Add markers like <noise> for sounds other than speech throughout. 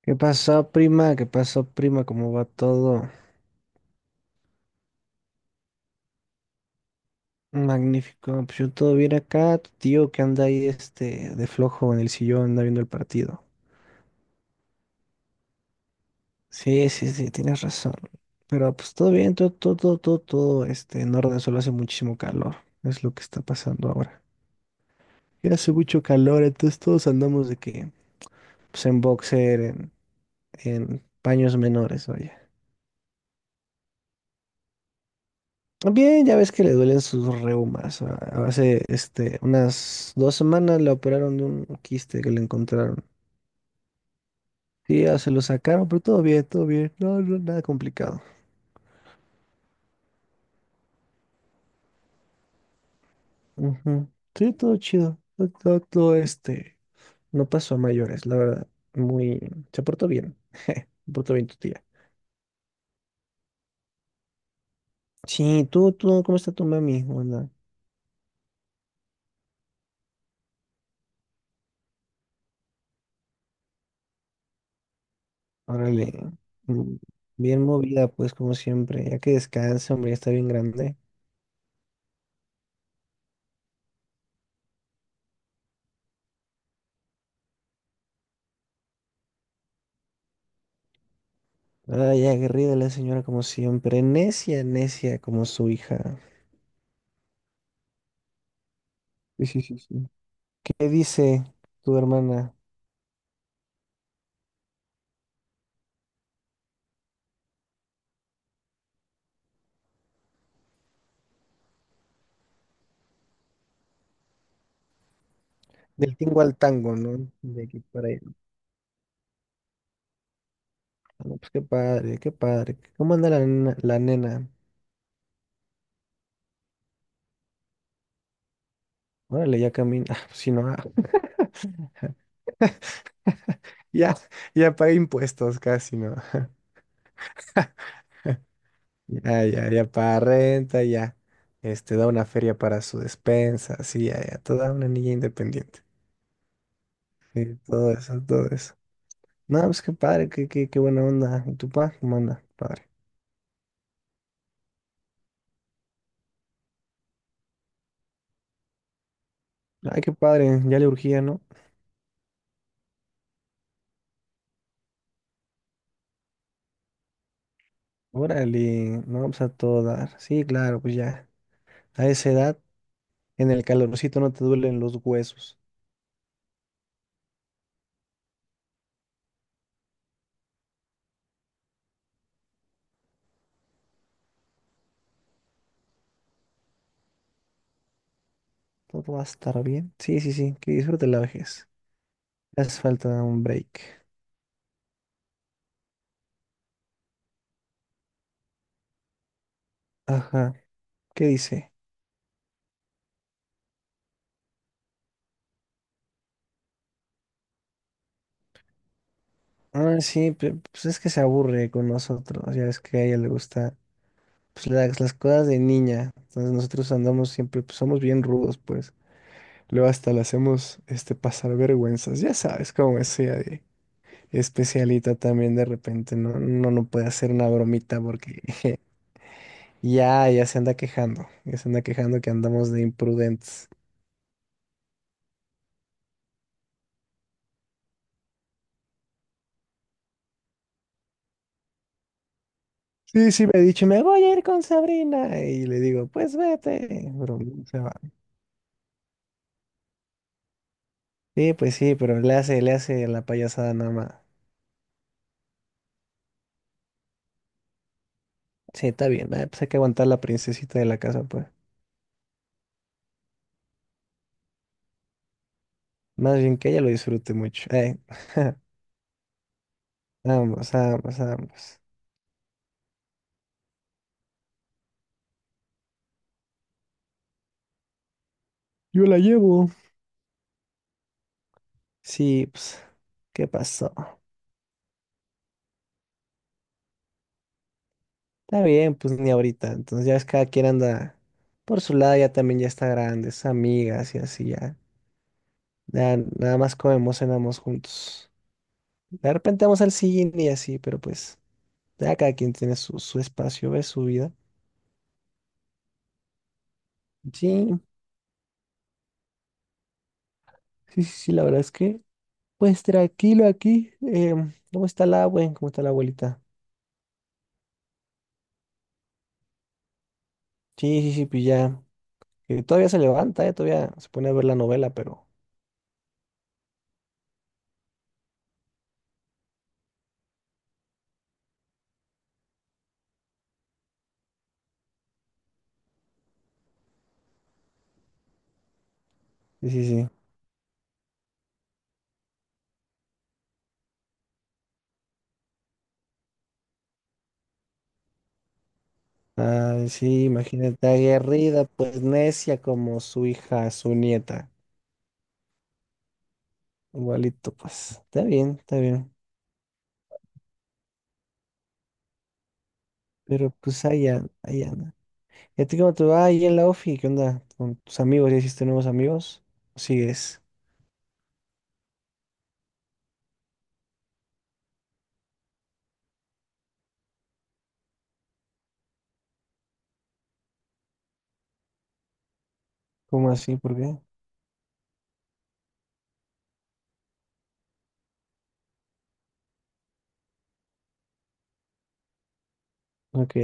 ¿Qué pasó, prima? ¿Qué pasó, prima? ¿Cómo va todo? Magnífico. Pues yo todo bien acá. Tu tío que anda ahí de flojo en el sillón, anda viendo el partido. Sí, sí, sí, tienes razón. Pero pues todo bien, todo, todo, todo, todo, todo, en orden. Solo hace muchísimo calor. Es lo que está pasando ahora. Y hace mucho calor, entonces todos andamos de que, pues en boxer, en paños menores. Bien, ya ves que le duelen sus reumas. Hace unas 2 semanas le operaron de un quiste que le encontraron. Sí, ya se lo sacaron, pero todo bien, todo bien. No, no, nada complicado. Ujú. Sí, todo chido. Todo. No pasó a mayores, la verdad. Muy. Se portó bien. Se portó bien tu tía. Sí, tú, ¿cómo está tu mami? Hola. Órale. Mm, Bien movida, pues, como siempre. Ya que descansa, hombre, ya está bien grande. Ay, aguerrida la señora como siempre, necia, necia como su hija. Sí, sí, sí, sí. ¿Qué dice tu hermana? Del tingo al tango, ¿no? De aquí para allá. Ah, no, pues qué padre, qué padre. ¿Cómo anda la nena? ¿La nena? Órale, ya camina. Ah, pues sí, no. <laughs> Ya, ya paga impuestos casi, ¿no? <laughs> Ya, ya, ya paga renta, ya. Da una feria para su despensa, sí, ya, ya. Toda una niña independiente. Sí, todo eso, todo eso. No, pues qué padre, qué buena onda. ¿Y tu pa? ¿Cómo anda? Padre. Ay, qué padre, ya le urgía, ¿no? Órale, no, pues a todo dar. Sí, claro, pues ya. A esa edad, en el calorcito no te duelen los huesos. Todo va a estar bien. Sí, sí, sí, que disfrute la vejez. Le hace falta un break. Ajá, ¿qué dice? Ah, sí, pues es que se aburre con nosotros. Ya es que a ella le gusta, pues las cosas de niña. Entonces nosotros andamos siempre, pues somos bien rudos, pues. Luego hasta le hacemos pasar vergüenzas. Ya sabes cómo es ella de especialita también de repente. No, no, no puede hacer una bromita porque <laughs> ya, ya se anda quejando. Ya se anda quejando que andamos de imprudentes. Sí, sí, me ha dicho, me voy a ir con Sabrina. Y le digo, pues vete. Pero se va. Sí, pues sí, pero le hace la payasada nada más. Sí, está bien. Pues hay que aguantar la princesita de la casa, pues. Más bien que ella lo disfrute mucho. <laughs> Vamos, vamos, vamos. Yo la llevo. Sí, pues, ¿qué pasó? Está bien, pues ni ahorita. Entonces ya es cada quien anda por su lado, ya también ya está grande, es amigas y así ya. Ya nada más comemos, cenamos juntos. De repente vamos al cine y así, pero pues ya cada quien tiene su espacio, ve su vida. Sí, sí, sí, sí, la verdad es que, pues tranquilo aquí. ¿Cómo está la abue? ¿Cómo está la abuelita? Sí, sí, sí, pues ya. Que todavía se levanta, todavía se pone a ver la novela, pero sí, sí, sí. Ah, sí, imagínate, aguerrida, pues necia como su hija, su nieta. Igualito, pues. Está bien, está bien. Pero pues ahí anda. ¿Y a ti cómo te va ahí en la ofi? ¿Qué onda? ¿Con tus amigos? ¿Ya hiciste nuevos amigos? ¿Sigues? ¿Cómo así? ¿Por qué? Ok,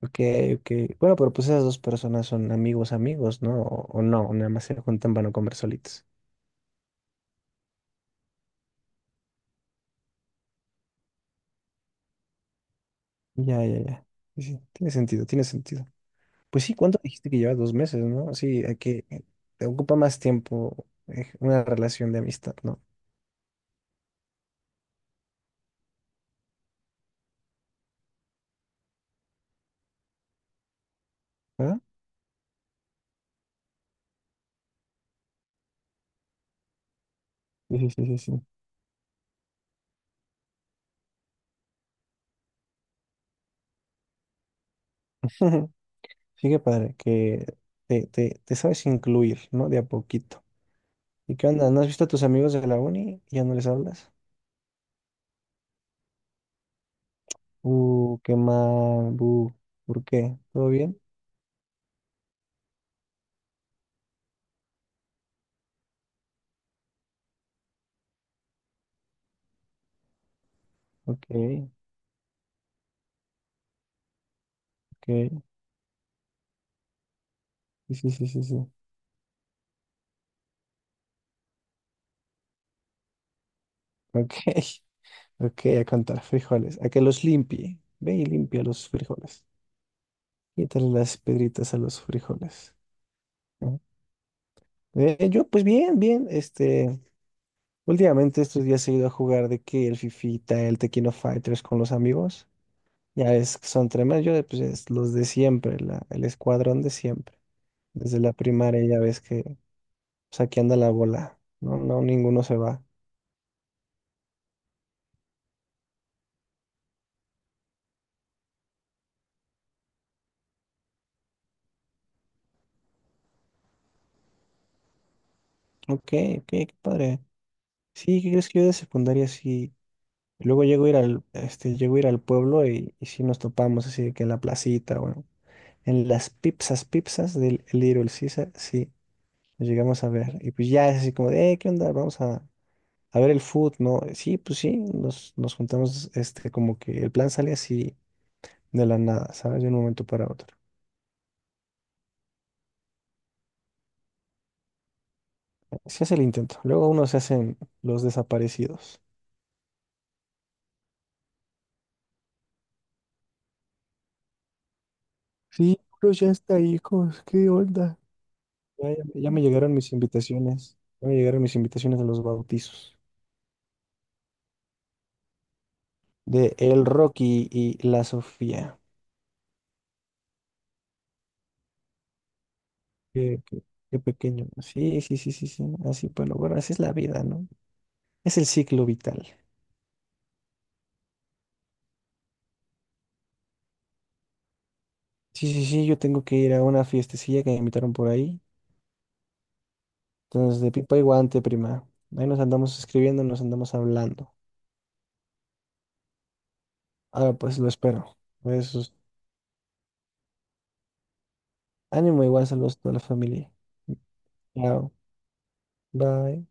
ok, ok. Bueno, pero pues esas dos personas son amigos, amigos, ¿no? O no, nada más se juntan para no comer solitos. Ya, ya, ya. Sí, sí, tiene sentido, tiene sentido. Pues sí, ¿cuánto dijiste que lleva 2 meses, no? Sí, hay que te ocupa más tiempo una relación de amistad, ¿no? ¿Verdad? Sí, sí, sí, sí, sí. <laughs> Sí, qué padre, que te sabes incluir, ¿no? De a poquito. ¿Y qué onda? ¿No has visto a tus amigos de la uni? ¿Ya no les hablas? Qué mal, bu. ¿Por qué? ¿Todo bien? Ok, ok. Sí, sí, sí, sí, sí. Ok, <laughs> ok, a contar frijoles. A que los limpie. Ve y limpia los frijoles. Quítale las pedritas a los frijoles. Ujú. Yo, pues bien, bien, últimamente estos días he ido a jugar de que el Fifita, el Tequino Fighters con los amigos. Ya es que son tremendos, yo pues es los de siempre, el escuadrón de siempre, desde la primaria ya ves que, pues aquí anda la bola, no, no, ninguno se va. Ok, ok, qué padre, sí, ¿qué crees que yo de secundaria sí? Luego llego a ir al, este, llego a ir al pueblo y sí nos topamos así de que en la placita, bueno, en las pipsas, pipsas del Little Caesar, sí. Lo llegamos a ver. Y pues ya es así como de, ¿qué onda? Vamos a ver el food, ¿no?" Sí, pues sí, nos juntamos, como que el plan sale así de la nada, ¿sabes? De un momento para otro. Se hace el intento. Luego uno se hacen los desaparecidos. Sí, uno ya está, hijos, ¿qué onda? Ya me llegaron mis invitaciones. Ya me llegaron mis invitaciones a los bautizos. De el Rocky y la Sofía. Qué, qué- qué pequeño. Sí, sí, sí, sí, sí. Así, bueno, bueno, así es la vida, ¿no? Es el ciclo vital. Sí, sí, sí, yo tengo que ir a una fiestecilla que me invitaron por ahí. Entonces, de pipa y guante, prima. Ahí nos andamos escribiendo, nos andamos hablando. Ahora pues lo espero. Besos. Ánimo, igual saludos a toda la familia. Chao. Bye.